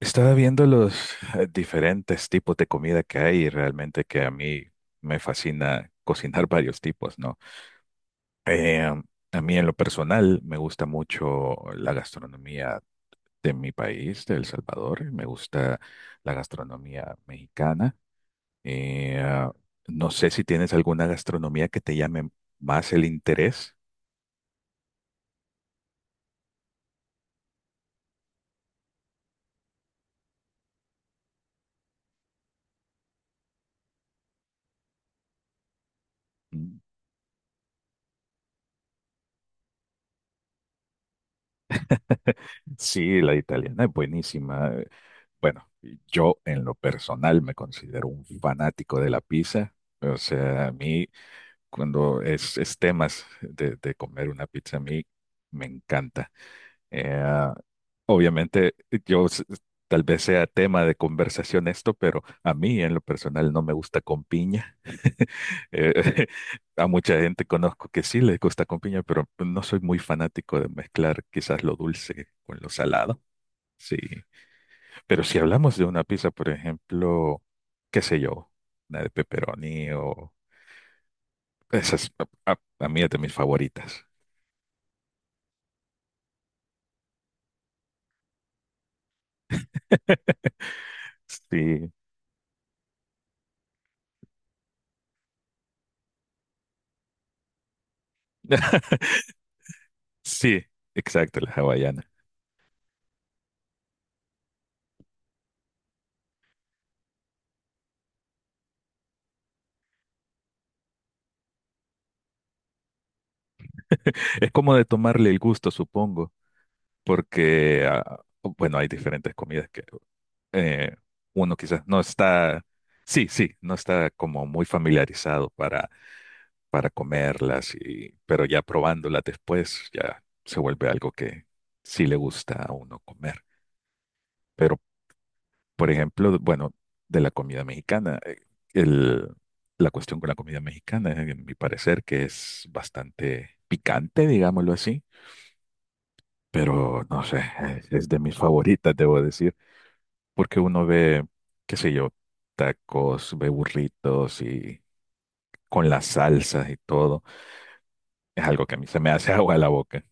Estaba viendo los diferentes tipos de comida que hay y realmente que a mí me fascina cocinar varios tipos, ¿no? Eh, a mí en lo personal me gusta mucho la gastronomía de mi país, de El Salvador, me gusta la gastronomía mexicana. Eh, ah, no sé si tienes alguna gastronomía que te llame más el interés. Mm. Sí, la italiana es buenísima. Bueno, yo en lo personal me considero un fanático de la pizza. O sea, a mí cuando es temas de comer una pizza, a mí me encanta. Eh, ah, Obviamente, yo s- tal vez sea tema de conversación esto, pero a mí en lo personal no me gusta con piña. Eh, a mucha gente conozco que sí les gusta con piña, pero no soy muy fanático de mezclar quizás lo dulce con lo salado. Sí. Pero si hablamos de una pizza, por ejemplo, qué sé yo, una de pepperoni o esas, a mí es de mis favoritas. Sí. Sí, exacto, la hawaiana. Es como de tomarle el gusto, supongo. Porque, ah, bueno, hay diferentes comidas que eh, uno quizás no está, sí, sí, no está como muy familiarizado para comerlas, y, pero ya probándolas después ya se vuelve algo que sí le gusta a uno comer. Pero, por ejemplo, bueno, de la comida mexicana, el, la cuestión con la comida mexicana, en mi parecer, que es bastante picante, digámoslo así, pero no sé, es de mis favoritas, debo decir. Porque uno ve, qué sé yo, tacos, ve burritos y con las salsas y todo. Es algo que a mí se me hace agua a la boca.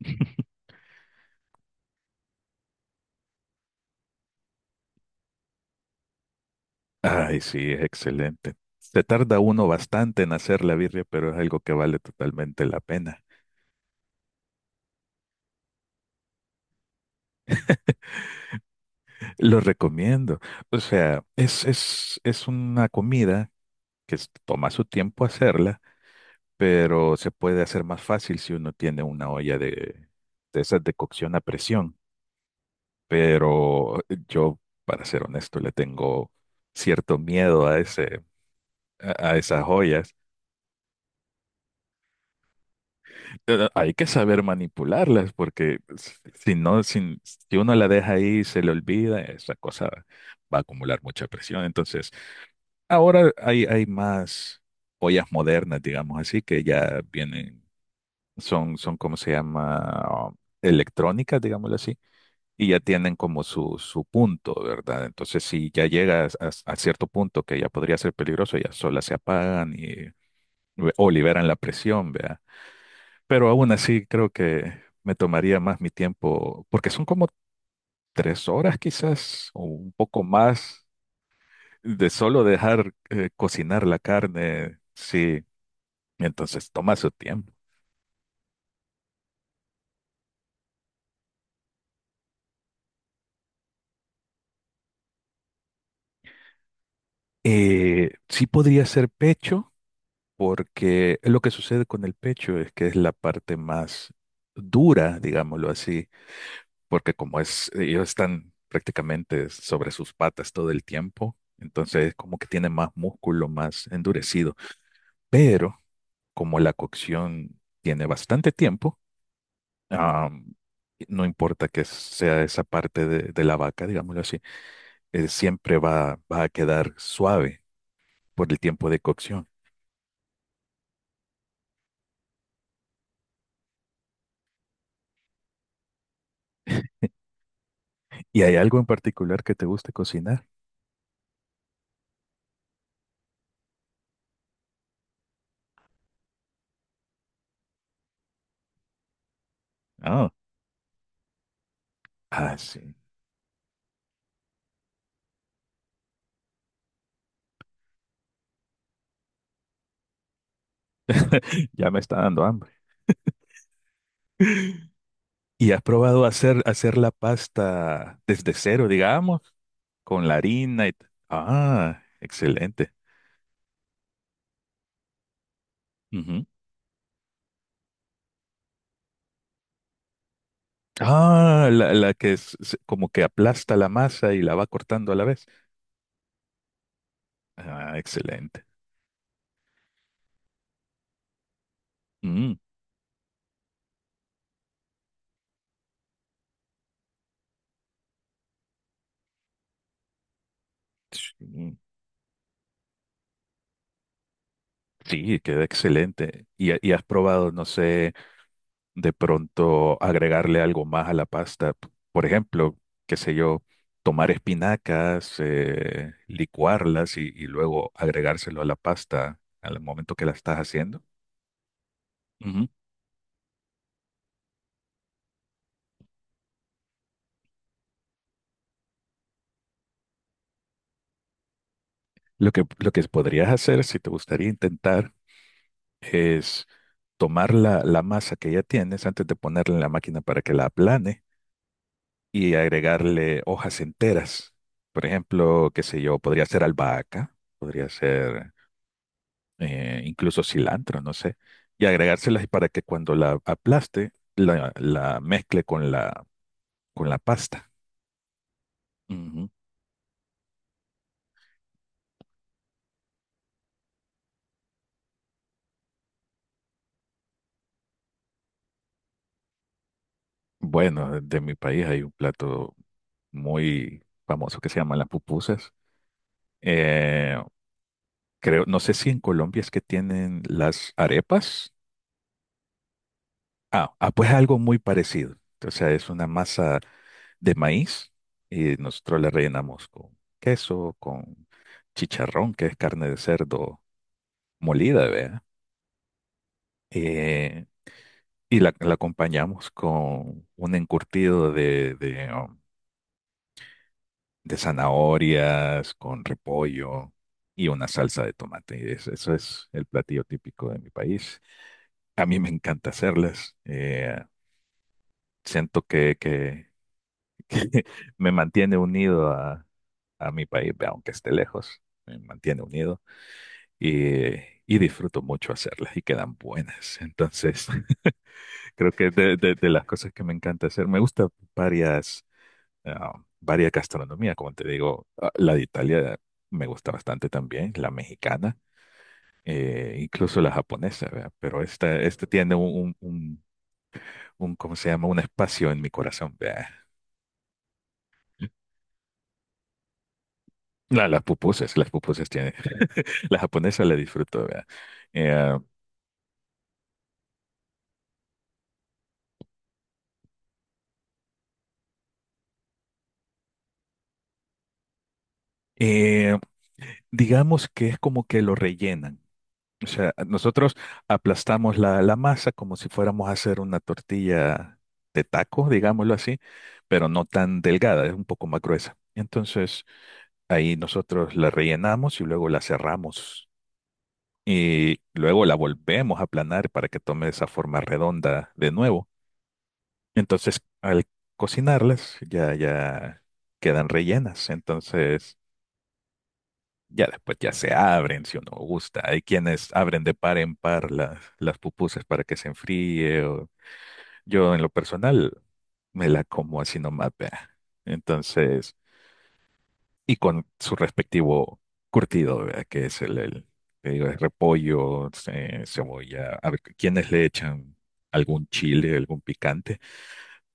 Ay, sí, es excelente. Se tarda uno bastante en hacer la birria, pero es algo que vale totalmente la pena. Lo recomiendo. O sea, es una comida que toma su tiempo hacerla, pero se puede hacer más fácil si uno tiene una olla de esas de cocción a presión. Pero yo, para ser honesto, le tengo cierto miedo a a esas joyas. Hay que saber manipularlas porque si uno la deja ahí y se le olvida, esa cosa va a acumular mucha presión. Entonces, ahora hay más joyas modernas, digamos así, que ya vienen, ¿cómo se llama? Electrónicas, digámoslo así, y ya tienen como su punto, ¿verdad? Entonces, si ya llegas a cierto punto que ya podría ser peligroso, ya solas se apagan y, o liberan la presión, ¿vea? Pero aún así creo que me tomaría más mi tiempo, porque son como 3 horas quizás, o un poco más, de solo dejar cocinar la carne, sí, entonces toma su tiempo. Sí podría ser pecho porque lo que sucede con el pecho es que es la parte más dura, digámoslo así, porque como es, ellos están prácticamente sobre sus patas todo el tiempo, entonces como que tiene más músculo, más endurecido, pero como la cocción tiene bastante tiempo, ah, no importa que sea esa parte de la vaca, digámoslo así, siempre va, va a quedar suave por el tiempo de cocción. ¿Y hay algo en particular que te guste cocinar? Ah, ah, sí. Ya me está dando hambre. ¿Y has probado hacer la pasta desde cero, digamos, con la harina y... ah, excelente. Ujú. Ah, la que es como que aplasta la masa y la va cortando a la vez. Ah, excelente. Mm, sí, sí, queda excelente. Y has probado, no sé... de pronto agregarle algo más a la pasta. Por ejemplo, qué sé yo, tomar espinacas, licuarlas y luego agregárselo a la pasta al momento que la estás haciendo. Ujú. Lo que podrías hacer, si te gustaría intentar, es tomar la, la masa que ya tienes antes de ponerla en la máquina para que la aplane y agregarle hojas enteras. Por ejemplo, qué sé yo, podría ser albahaca, podría ser incluso cilantro, no sé, y agregárselas y para que cuando la aplaste, la mezcle con la pasta. Ujú. Bueno, de mi país hay un plato muy famoso que se llama las pupusas. Eh, Creo, no sé si en Colombia es que tienen las arepas. Ah, ah, pues algo muy parecido. O sea, es una masa de maíz y nosotros la rellenamos con queso, con chicharrón, que es carne de cerdo molida, ¿vea? eh, y la acompañamos con un encurtido de zanahorias, con repollo y una salsa de tomate. Y eso es el platillo típico de mi país. A mí me encanta hacerlas. Siento que, que me mantiene unido a mi país, aunque esté lejos, me mantiene unido y, y disfruto mucho hacerlas y quedan buenas. Entonces... Creo que de las cosas que me encanta hacer, me gusta varias. ah, Varias gastronomías, como te digo, ah, la de Italia me gusta bastante también, la mexicana, incluso la japonesa, ¿verdad? Pero esta tiene ¿cómo se llama? Un espacio en mi corazón, ¿verdad? Las pupusas, las pupusas tiene, la japonesa la disfruto, ¿verdad? Eh, eh, digamos que es como que lo rellenan. O sea, nosotros aplastamos la, la masa como si fuéramos a hacer una tortilla de taco, digámoslo así, pero no tan delgada, es un poco más gruesa. Entonces, ahí nosotros la rellenamos y luego la cerramos y luego la volvemos a aplanar para que tome esa forma redonda de nuevo. Entonces, al cocinarlas ya quedan rellenas. Entonces, ya después ya se abren si uno gusta. Hay quienes abren de par en par las pupusas para que se enfríe. Yo en lo personal me la como así nomás, vea. Entonces, y con su respectivo curtido, vea, que es el, te digo, es repollo, cebolla. A ver, quienes le echan algún chile, algún picante,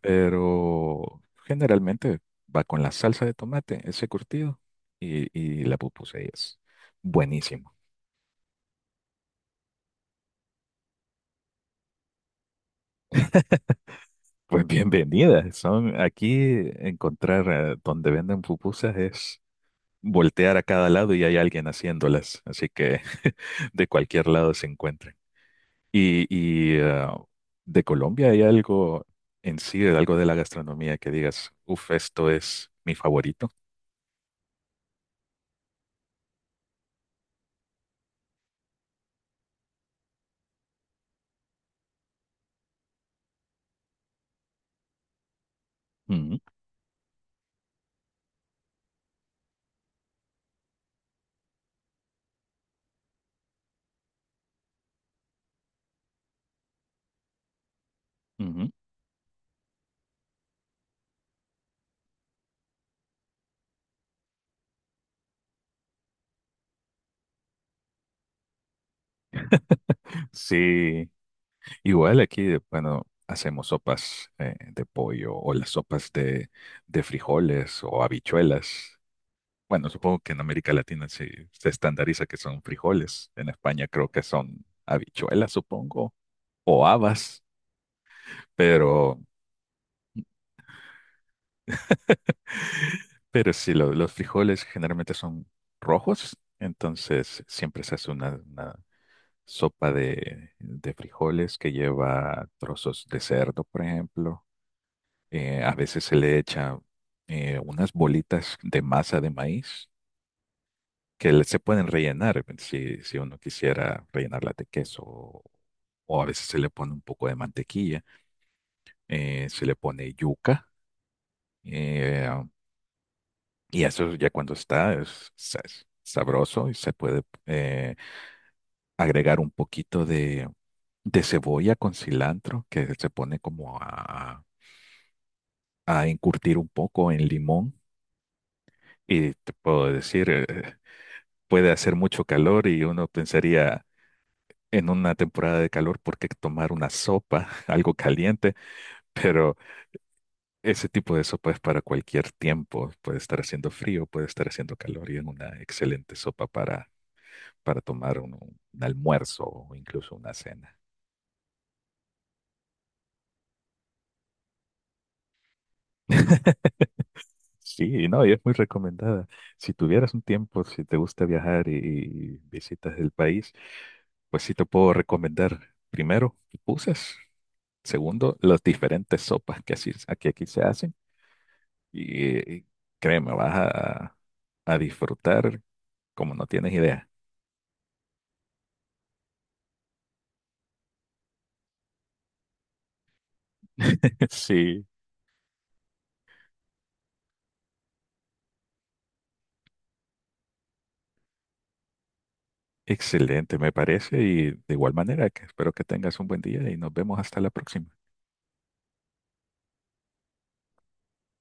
pero generalmente va con la salsa de tomate, ese curtido, y la pupusa y es buenísima. Pues bienvenidas. Son aquí encontrar donde venden pupusas es voltear a cada lado y hay alguien haciéndolas. Así que de cualquier lado se encuentran. Y de Colombia hay algo en sí, algo de la gastronomía que digas, uff, esto es mi favorito. Ujú, ujú. Sí, igual aquí, bueno, hacemos sopas de pollo o las sopas de frijoles o habichuelas. Bueno, supongo que en América Latina sí se estandariza que son frijoles. En España creo que son habichuelas, supongo, o habas, pero, pero sí, los frijoles generalmente son rojos, entonces siempre se hace una sopa de frijoles que lleva trozos de cerdo, por ejemplo. A veces se le echa unas bolitas de masa de maíz que se pueden rellenar si, si uno quisiera rellenarla de queso o a veces se le pone un poco de mantequilla, se le pone yuca eh, y eso ya cuando es sabroso y se puede agregar un poquito de cebolla con cilantro que se pone como a encurtir un poco en limón y te puedo decir, puede hacer mucho calor y uno pensaría... en una temporada de calor por qué tomar una sopa, algo caliente, pero ese tipo de sopa es para cualquier tiempo. Puede estar haciendo frío, puede estar haciendo calor y es una excelente sopa para tomar un almuerzo o incluso una cena. Sí, no, y es muy recomendada. Si tuvieras un tiempo, si te gusta viajar y visitas el país, pues sí te puedo recomendar primero pupusas, segundo las diferentes sopas que aquí se hacen. Y créeme, vas a disfrutar como no tienes idea. Sí, excelente, me parece. Y de igual manera, que espero que tengas un buen día y nos vemos hasta la próxima.